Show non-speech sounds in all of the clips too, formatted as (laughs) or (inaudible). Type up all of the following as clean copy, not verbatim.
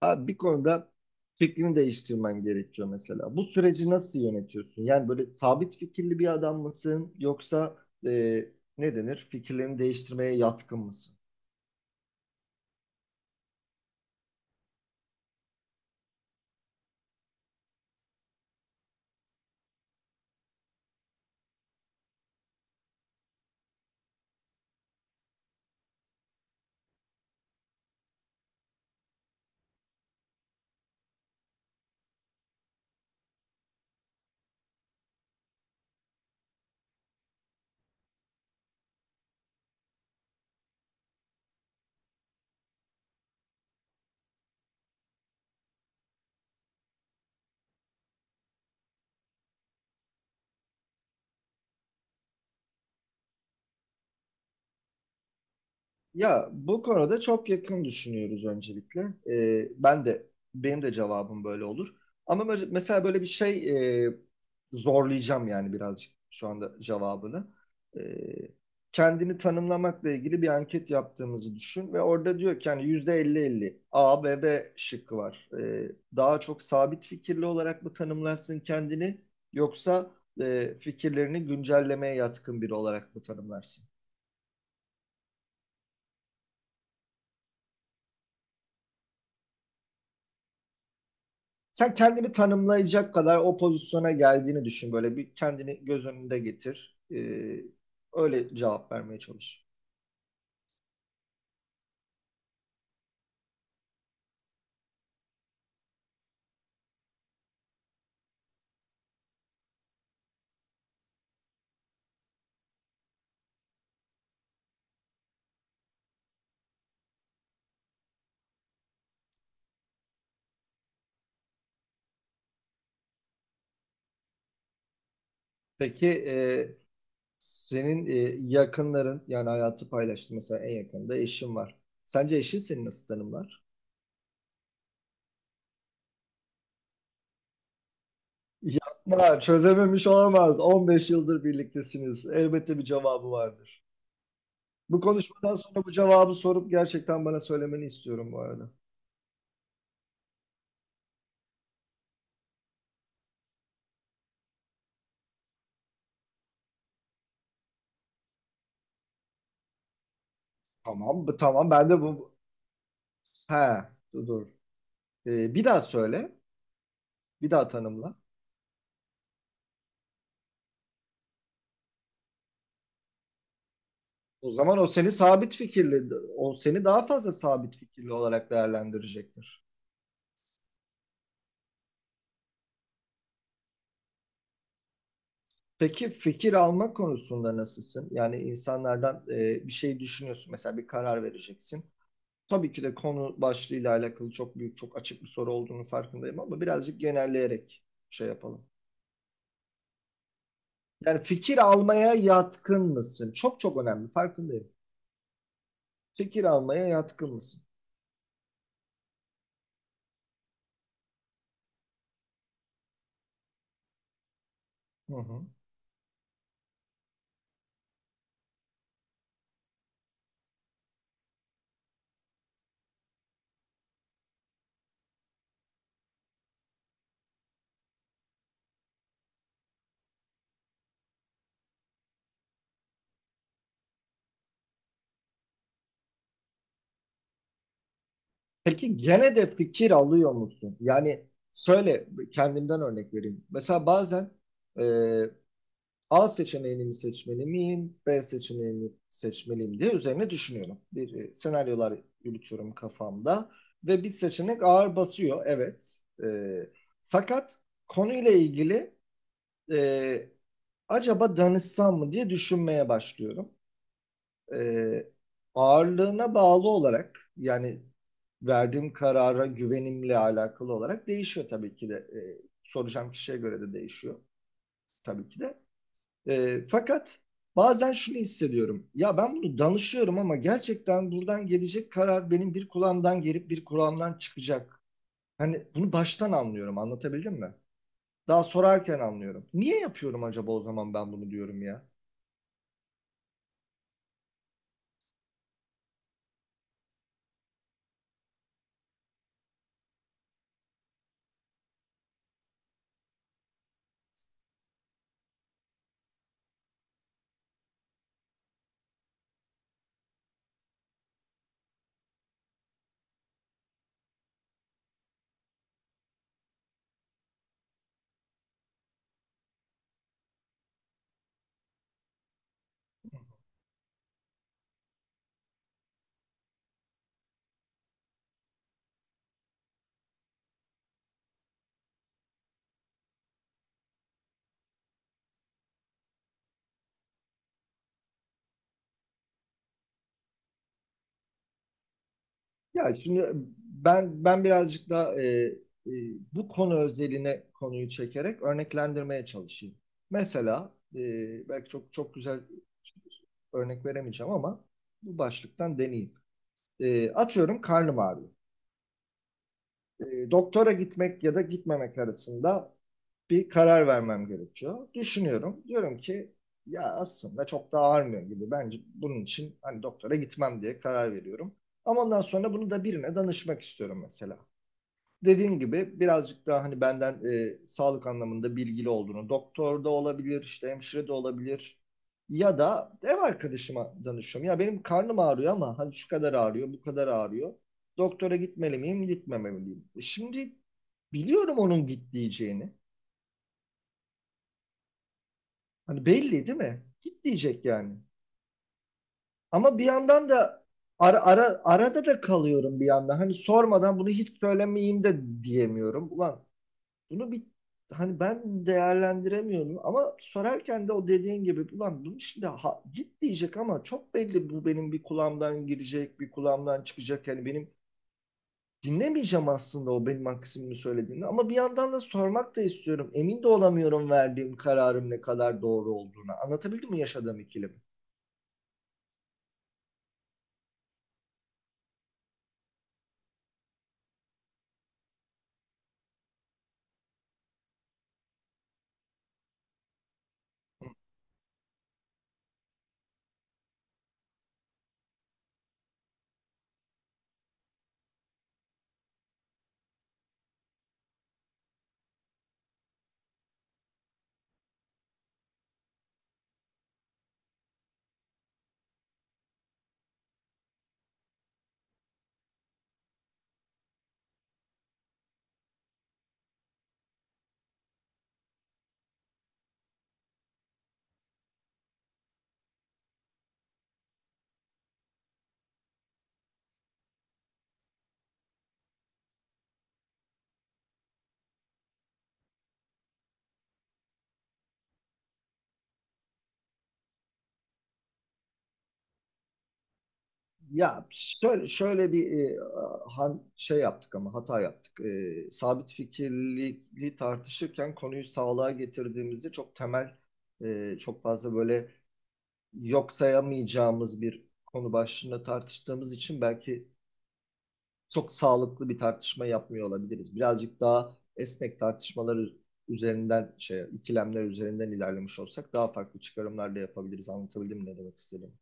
Abi bir konuda fikrini değiştirmen gerekiyor mesela. Bu süreci nasıl yönetiyorsun? Yani böyle sabit fikirli bir adam mısın yoksa e, ne denir? Fikirlerini değiştirmeye yatkın mısın? Ya bu konuda çok yakın düşünüyoruz öncelikle. Ben de benim de cevabım böyle olur. Ama mesela böyle bir şey e, zorlayacağım yani birazcık şu anda cevabını. Ee, Kendini tanımlamakla ilgili bir anket yaptığımızı düşün ve orada diyor ki yani yüzde %50-50 A ve B şıkkı var. Daha çok sabit fikirli olarak mı tanımlarsın kendini yoksa fikirlerini güncellemeye yatkın biri olarak mı tanımlarsın? Sen kendini tanımlayacak kadar o pozisyona geldiğini düşün. Böyle bir kendini göz önünde getir. Öyle cevap vermeye çalış. Peki senin yakınların yani hayatı paylaştın mesela en yakında eşin var. Sence eşin seni nasıl tanımlar? Yapma, çözememiş olamaz. 15 yıldır birliktesiniz. Elbette bir cevabı vardır. Bu konuşmadan sonra bu cevabı sorup gerçekten bana söylemeni istiyorum bu arada. Tamam, tamam. Ben de bu... He, dur. Dur. Bir daha söyle. Bir daha tanımla. O zaman o seni sabit fikirli, o seni daha fazla sabit fikirli olarak değerlendirecektir. Peki fikir alma konusunda nasılsın? Yani insanlardan bir şey düşünüyorsun, mesela bir karar vereceksin. Tabii ki de konu başlığıyla alakalı çok büyük, çok açık bir soru olduğunu farkındayım ama birazcık genelleyerek şey yapalım. Yani fikir almaya yatkın mısın? Çok çok önemli, farkındayım. Fikir almaya yatkın mısın? Hı hı. Peki gene de fikir alıyor musun? Yani şöyle kendimden örnek vereyim. Mesela bazen e, A seçeneğini mi seçmeli miyim, B seçeneğini seçmeliyim diye üzerine düşünüyorum. Bir senaryolar yürütüyorum kafamda ve bir seçenek ağır basıyor, evet. Fakat konuyla ilgili e, acaba danışsam mı diye düşünmeye başlıyorum e, ağırlığına bağlı olarak yani verdiğim karara güvenimle alakalı olarak değişiyor tabii ki de. Soracağım kişiye göre de değişiyor tabii ki de. Fakat bazen şunu hissediyorum. Ya ben bunu danışıyorum ama gerçekten buradan gelecek karar benim bir kulağımdan gelip bir kulağımdan çıkacak. Hani bunu baştan anlıyorum. Anlatabildim mi? Daha sorarken anlıyorum. Niye yapıyorum acaba o zaman ben bunu diyorum ya? Ya şimdi ben birazcık da e, bu konu özeline konuyu çekerek örneklendirmeye çalışayım. Mesela belki çok çok güzel örnek veremeyeceğim ama bu başlıktan deneyeyim. Atıyorum karnım ağrıyor. Doktora gitmek ya da gitmemek arasında bir karar vermem gerekiyor. Düşünüyorum. Diyorum ki ya aslında çok da ağrımıyor gibi. Bence bunun için hani doktora gitmem diye karar veriyorum. Ama ondan sonra bunu da birine danışmak istiyorum mesela dediğin gibi birazcık daha hani benden sağlık anlamında bilgili olduğunu, doktor da olabilir, işte hemşire de olabilir ya da ev arkadaşıma danışıyorum. Ya benim karnım ağrıyor ama hani şu kadar ağrıyor, bu kadar ağrıyor. Doktora gitmeli miyim, gitmemeli miyim? E, şimdi biliyorum onun git diyeceğini. Hani belli değil mi? Git diyecek yani. Ama bir yandan da arada da kalıyorum bir yandan. Hani sormadan bunu hiç söylemeyeyim de diyemiyorum. Ulan bunu bir hani ben değerlendiremiyorum ama sorarken de o dediğin gibi ulan bunu şimdi ha, git diyecek ama çok belli bu benim bir kulağımdan girecek bir kulağımdan çıkacak yani benim dinlemeyeceğim aslında o benim maksimimi söylediğini ama bir yandan da sormak da istiyorum emin de olamıyorum verdiğim kararın ne kadar doğru olduğuna anlatabildim mi yaşadığım ikilemi? Ya şöyle, şöyle bir şey yaptık ama hata yaptık. Sabit fikirliliği tartışırken konuyu sağlığa getirdiğimizde çok temel, çok fazla böyle yok sayamayacağımız bir konu başlığında tartıştığımız için belki çok sağlıklı bir tartışma yapmıyor olabiliriz. Birazcık daha esnek tartışmaları üzerinden, şey, ikilemler üzerinden ilerlemiş olsak daha farklı çıkarımlar da yapabiliriz. Anlatabildim mi ne demek istedim?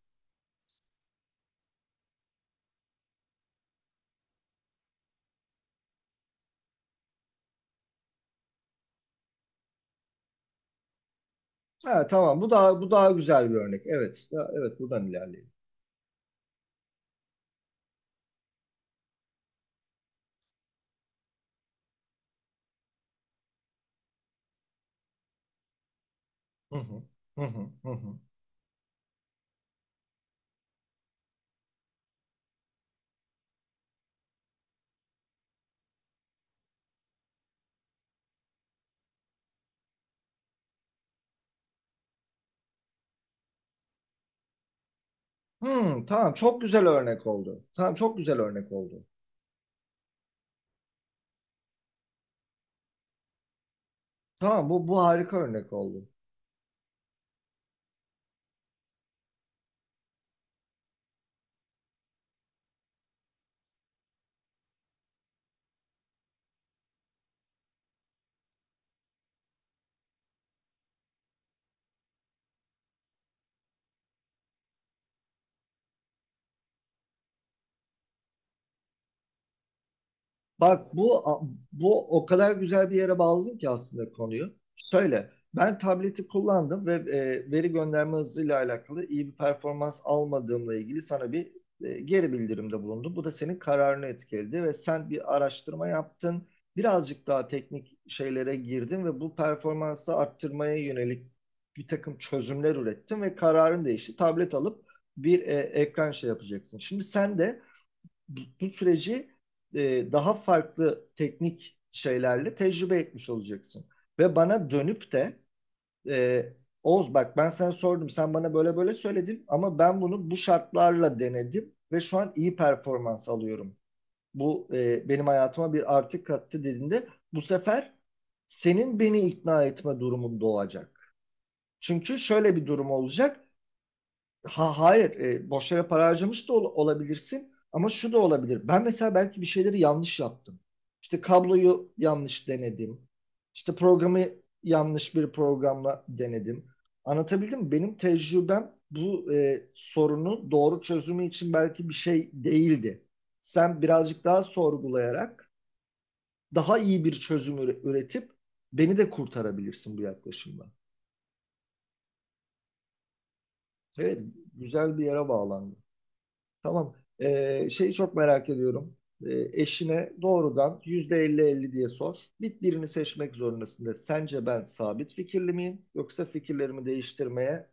Ha, tamam. Bu daha güzel bir örnek. Evet. Ya, evet buradan ilerleyelim. Hı hı. Hı hı. Hı hı. Hmm, tamam çok güzel örnek oldu. Tamam çok güzel örnek oldu. Tamam bu harika örnek oldu. Bak bu o kadar güzel bir yere bağladın ki aslında konuyu. Şöyle ben tableti kullandım ve veri gönderme hızıyla alakalı iyi bir performans almadığımla ilgili sana bir geri bildirimde bulundum. Bu da senin kararını etkiledi ve sen bir araştırma yaptın. Birazcık daha teknik şeylere girdin ve bu performansı arttırmaya yönelik bir takım çözümler ürettin ve kararın değişti. Tablet alıp bir ekran şey yapacaksın. Şimdi sen de bu, süreci daha farklı teknik şeylerle tecrübe etmiş olacaksın. Ve bana dönüp de e, Oğuz bak ben sana sordum sen bana böyle böyle söyledin ama ben bunu bu şartlarla denedim ve şu an iyi performans alıyorum. Bu benim hayatıma bir artı kattı dediğinde bu sefer senin beni ikna etme durumun doğacak. Çünkü şöyle bir durum olacak. Ha, hayır, boş yere para harcamış da olabilirsin ama şu da olabilir. Ben mesela belki bir şeyleri yanlış yaptım. İşte kabloyu yanlış denedim. İşte programı yanlış bir programla denedim. Anlatabildim mi? Benim tecrübem bu sorunu doğru çözümü için belki bir şey değildi. Sen birazcık daha sorgulayarak daha iyi bir çözüm üretip beni de kurtarabilirsin bu yaklaşımla. Evet, güzel bir yere bağlandı. Tamam. Şeyi çok merak ediyorum. Eşine doğrudan yüzde elli elli diye sor. Birini seçmek zorundasın de. Sence ben sabit fikirli miyim? Yoksa fikirlerimi değiştirmeye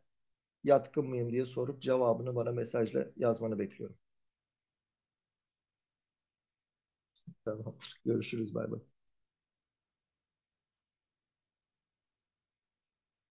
yatkın mıyım diye sorup cevabını bana mesajla yazmanı bekliyorum. Tamam. (laughs) Görüşürüz. Bay bay.